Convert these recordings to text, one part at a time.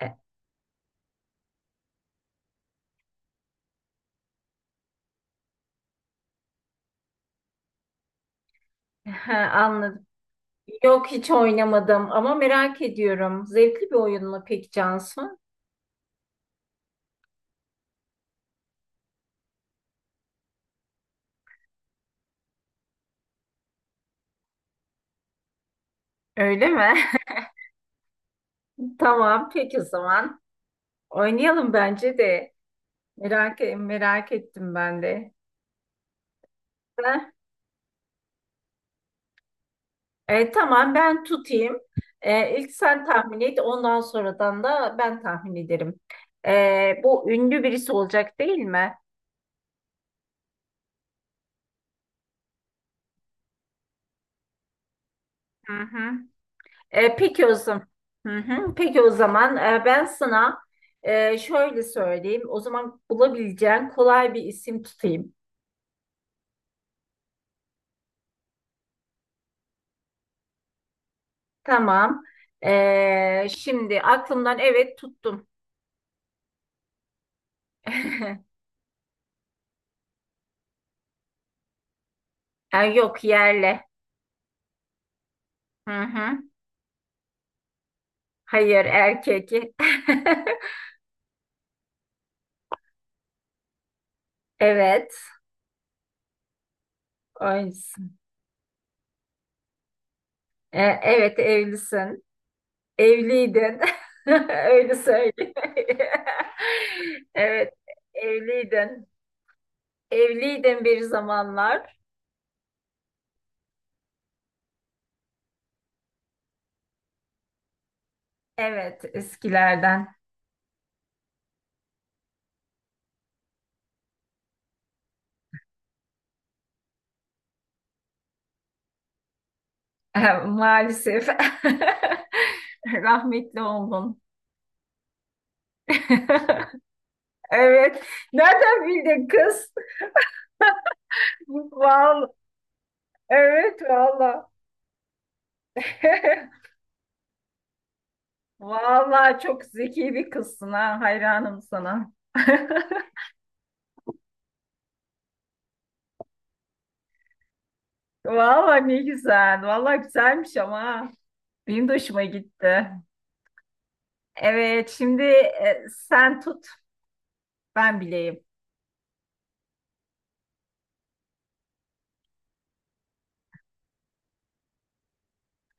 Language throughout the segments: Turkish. Ha, anladım. Yok hiç oynamadım ama merak ediyorum. Zevkli bir oyun mu peki Cansu? Öyle mi? Tamam peki o zaman. Oynayalım bence de. Merak ettim ben de. Ha? Tamam ben tutayım. İlk sen tahmin et ondan sonradan da ben tahmin ederim. Bu ünlü birisi olacak değil mi? Hı hı. Peki o zaman. Hı hı. Peki o zaman ben sana şöyle söyleyeyim. O zaman bulabileceğin kolay bir isim tutayım. Tamam. Şimdi aklımdan evet tuttum. Yok yerle. Hı hı. Hayır erkek. Evet. Oysun. Evet evlisin. Evliydin. Öyle söyleyeyim. Evet evliydin. Evliydin bir zamanlar. Evet, eskilerden. Maalesef. Rahmetli oldun. Evet. Nereden bildin kız? Vallahi, evet valla. Valla çok zeki bir kızsın ha. Hayranım sana. Valla ne güzel. Valla güzelmiş ama. Ha. Benim de hoşuma gitti. Evet, şimdi sen tut. Ben bileyim.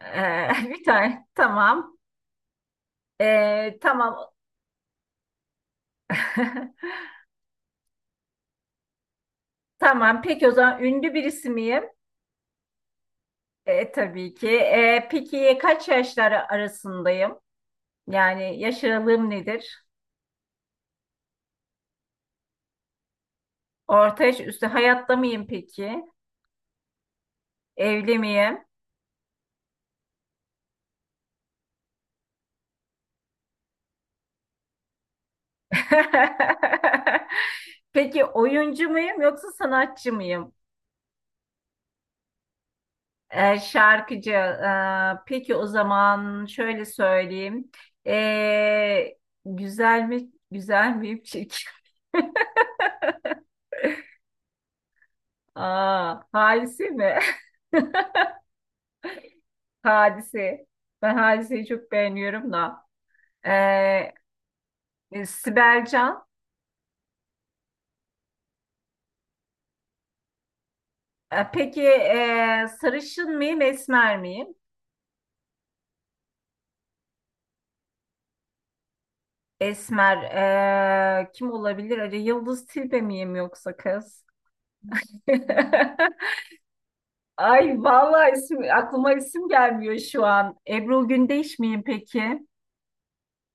E, bir tane. Tamam. E, tamam. Tamam, peki o zaman ünlü birisi miyim? Tabii ki. Peki kaç yaşları arasındayım? Yani yaş aralığım nedir? Orta yaş üstü hayatta mıyım peki? Evli miyim? Peki oyuncu muyum yoksa sanatçı mıyım? Şarkıcı. Peki o zaman şöyle söyleyeyim. E, Güzel mi? Güzel miyim? Çirkin. Aa, halisi mi? Hadise. Ben Hadise'yi çok beğeniyorum da. Ee, Sibel Can. Peki sarışın mıyım, esmer miyim? Esmer. E, kim olabilir? Acaba Yıldız Tilbe miyim yoksa kız? Ay vallahi isim, aklıma isim gelmiyor şu an. Ebru Gündeş miyim peki?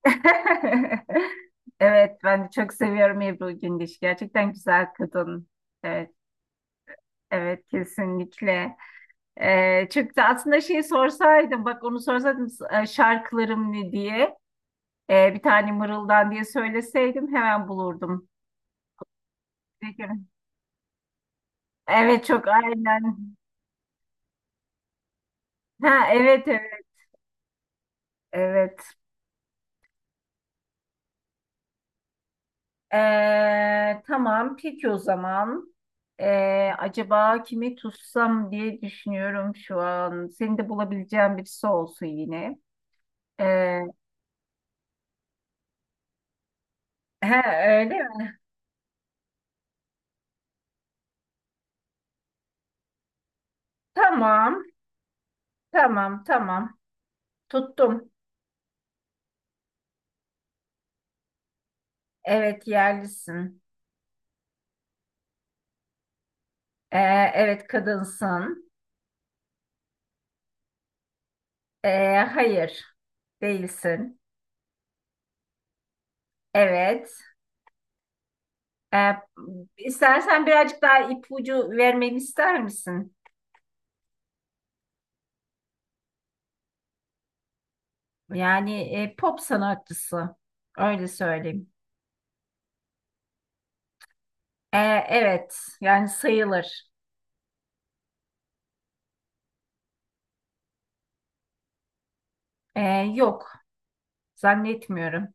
Evet, ben de çok seviyorum Ebru Gündeş. Gerçekten güzel kadın. Evet, evet kesinlikle. Çünkü aslında şeyi sorsaydım, bak onu sorsaydım şarkılarım ne diye, bir tane mırıldan diye söyleseydim hemen bulurdum. Peki. Evet çok aynen. Ha evet evet. Tamam peki o zaman. Acaba kimi tutsam diye düşünüyorum şu an. Seni de bulabileceğim birisi olsun yine. Ee, he, öyle mi? Tamam tamam tamam. Tuttum. Evet yerlisin. Ee, evet kadınsın. Hayır değilsin. Evet. Ee, istersen birazcık daha ipucu vermeni ister misin? Yani pop sanatçısı. Öyle söyleyeyim. Ee, evet yani sayılır. Ee, Yok zannetmiyorum.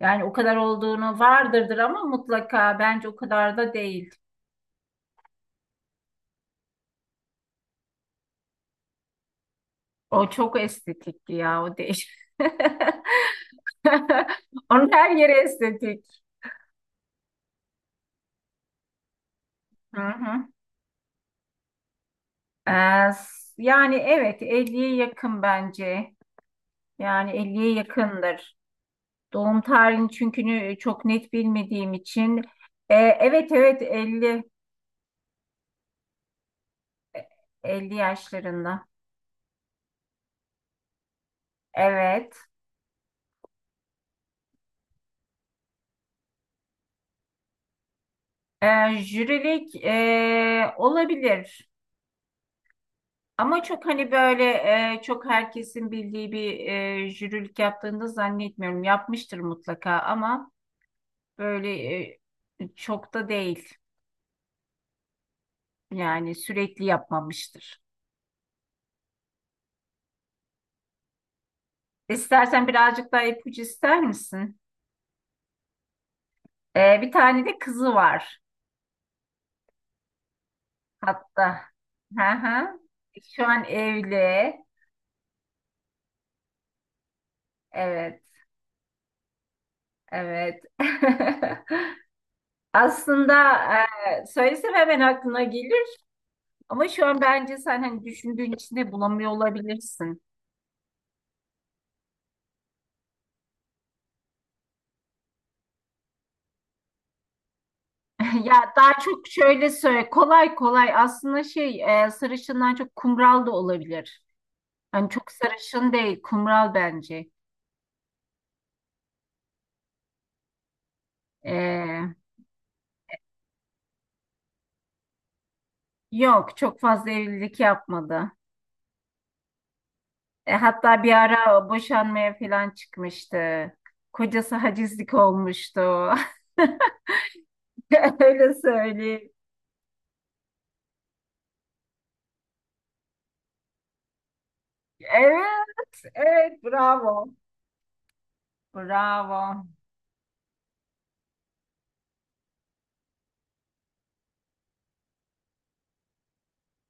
Yani o kadar olduğunu vardırdır ama mutlaka bence o kadar da değil. O çok estetikti ya o değil. Onun her yeri estetik. Hı hı. Ee, Yani evet elliye yakın bence. Yani elliye yakındır. Doğum tarihini çünkü çok net bilmediğim için. Evet 50, 50 yaşlarında. Evet. Jürilik olabilir. Ama çok hani böyle, çok herkesin bildiği bir jürilik yaptığını da zannetmiyorum. Yapmıştır mutlaka ama böyle ee, çok da değil. Yani sürekli yapmamıştır. İstersen birazcık daha ipucu ister misin? Bir tane de kızı var hatta. Hı hı. Şu an evli. Evet, evet. Aslında söylesem hemen aklına gelir ama şu an bence sen hani düşündüğün içinde bulamıyor olabilirsin. Ya daha çok şöyle söyle kolay kolay aslında sarışından çok kumral da olabilir. Hani çok sarışın değil kumral bence. E, Yok, çok fazla evlilik yapmadı. Hatta bir ara boşanmaya falan çıkmıştı. Kocası hacizlik olmuştu. Öyle söyleyeyim. Evet, evet, bravo. Bravo.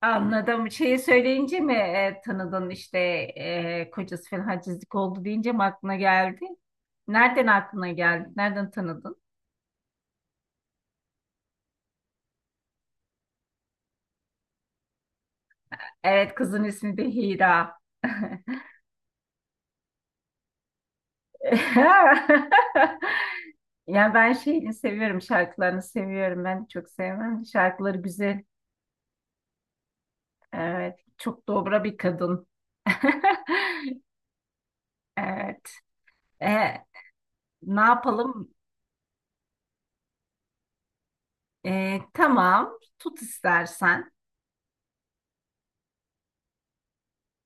Anladım. Şeyi söyleyince mi tanıdın işte kocası falan hacizlik oldu deyince mi aklına geldi? Nereden aklına geldi? Nereden tanıdın? Evet, kızın ismi de Hira. Ya ben şeyini seviyorum, şarkılarını seviyorum. Ben çok sevmem. Şarkıları güzel. Evet, çok dobra bir kadın. Evet. E, Ne yapalım? Tamam, tut istersen.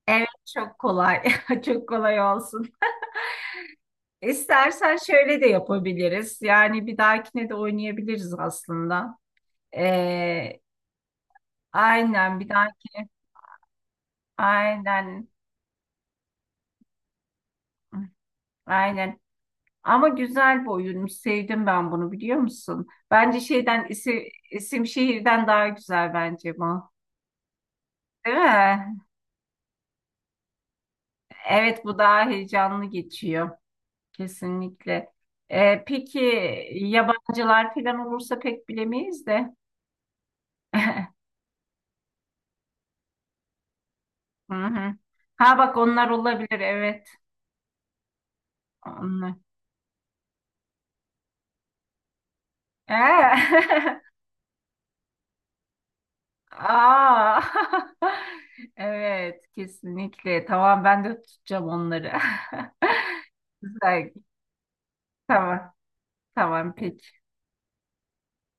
Evet, çok kolay. Çok kolay olsun. İstersen şöyle de yapabiliriz. Yani bir dahakine de oynayabiliriz aslında. E, aynen bir dahaki. Aynen. Aynen. Ama güzel bir oyunmuş. Sevdim ben bunu biliyor musun? Bence şeyden isim, isim şehirden daha güzel bence bu. Değil mi? Evet bu daha heyecanlı geçiyor. Kesinlikle. Peki yabancılar falan olursa pek bilemeyiz de. Hı hı. Ha bak onlar olabilir evet. Onlar. Ee? Aa. Evet kesinlikle. Tamam ben de tutacağım onları. Güzel. Tamam. Tamam peki.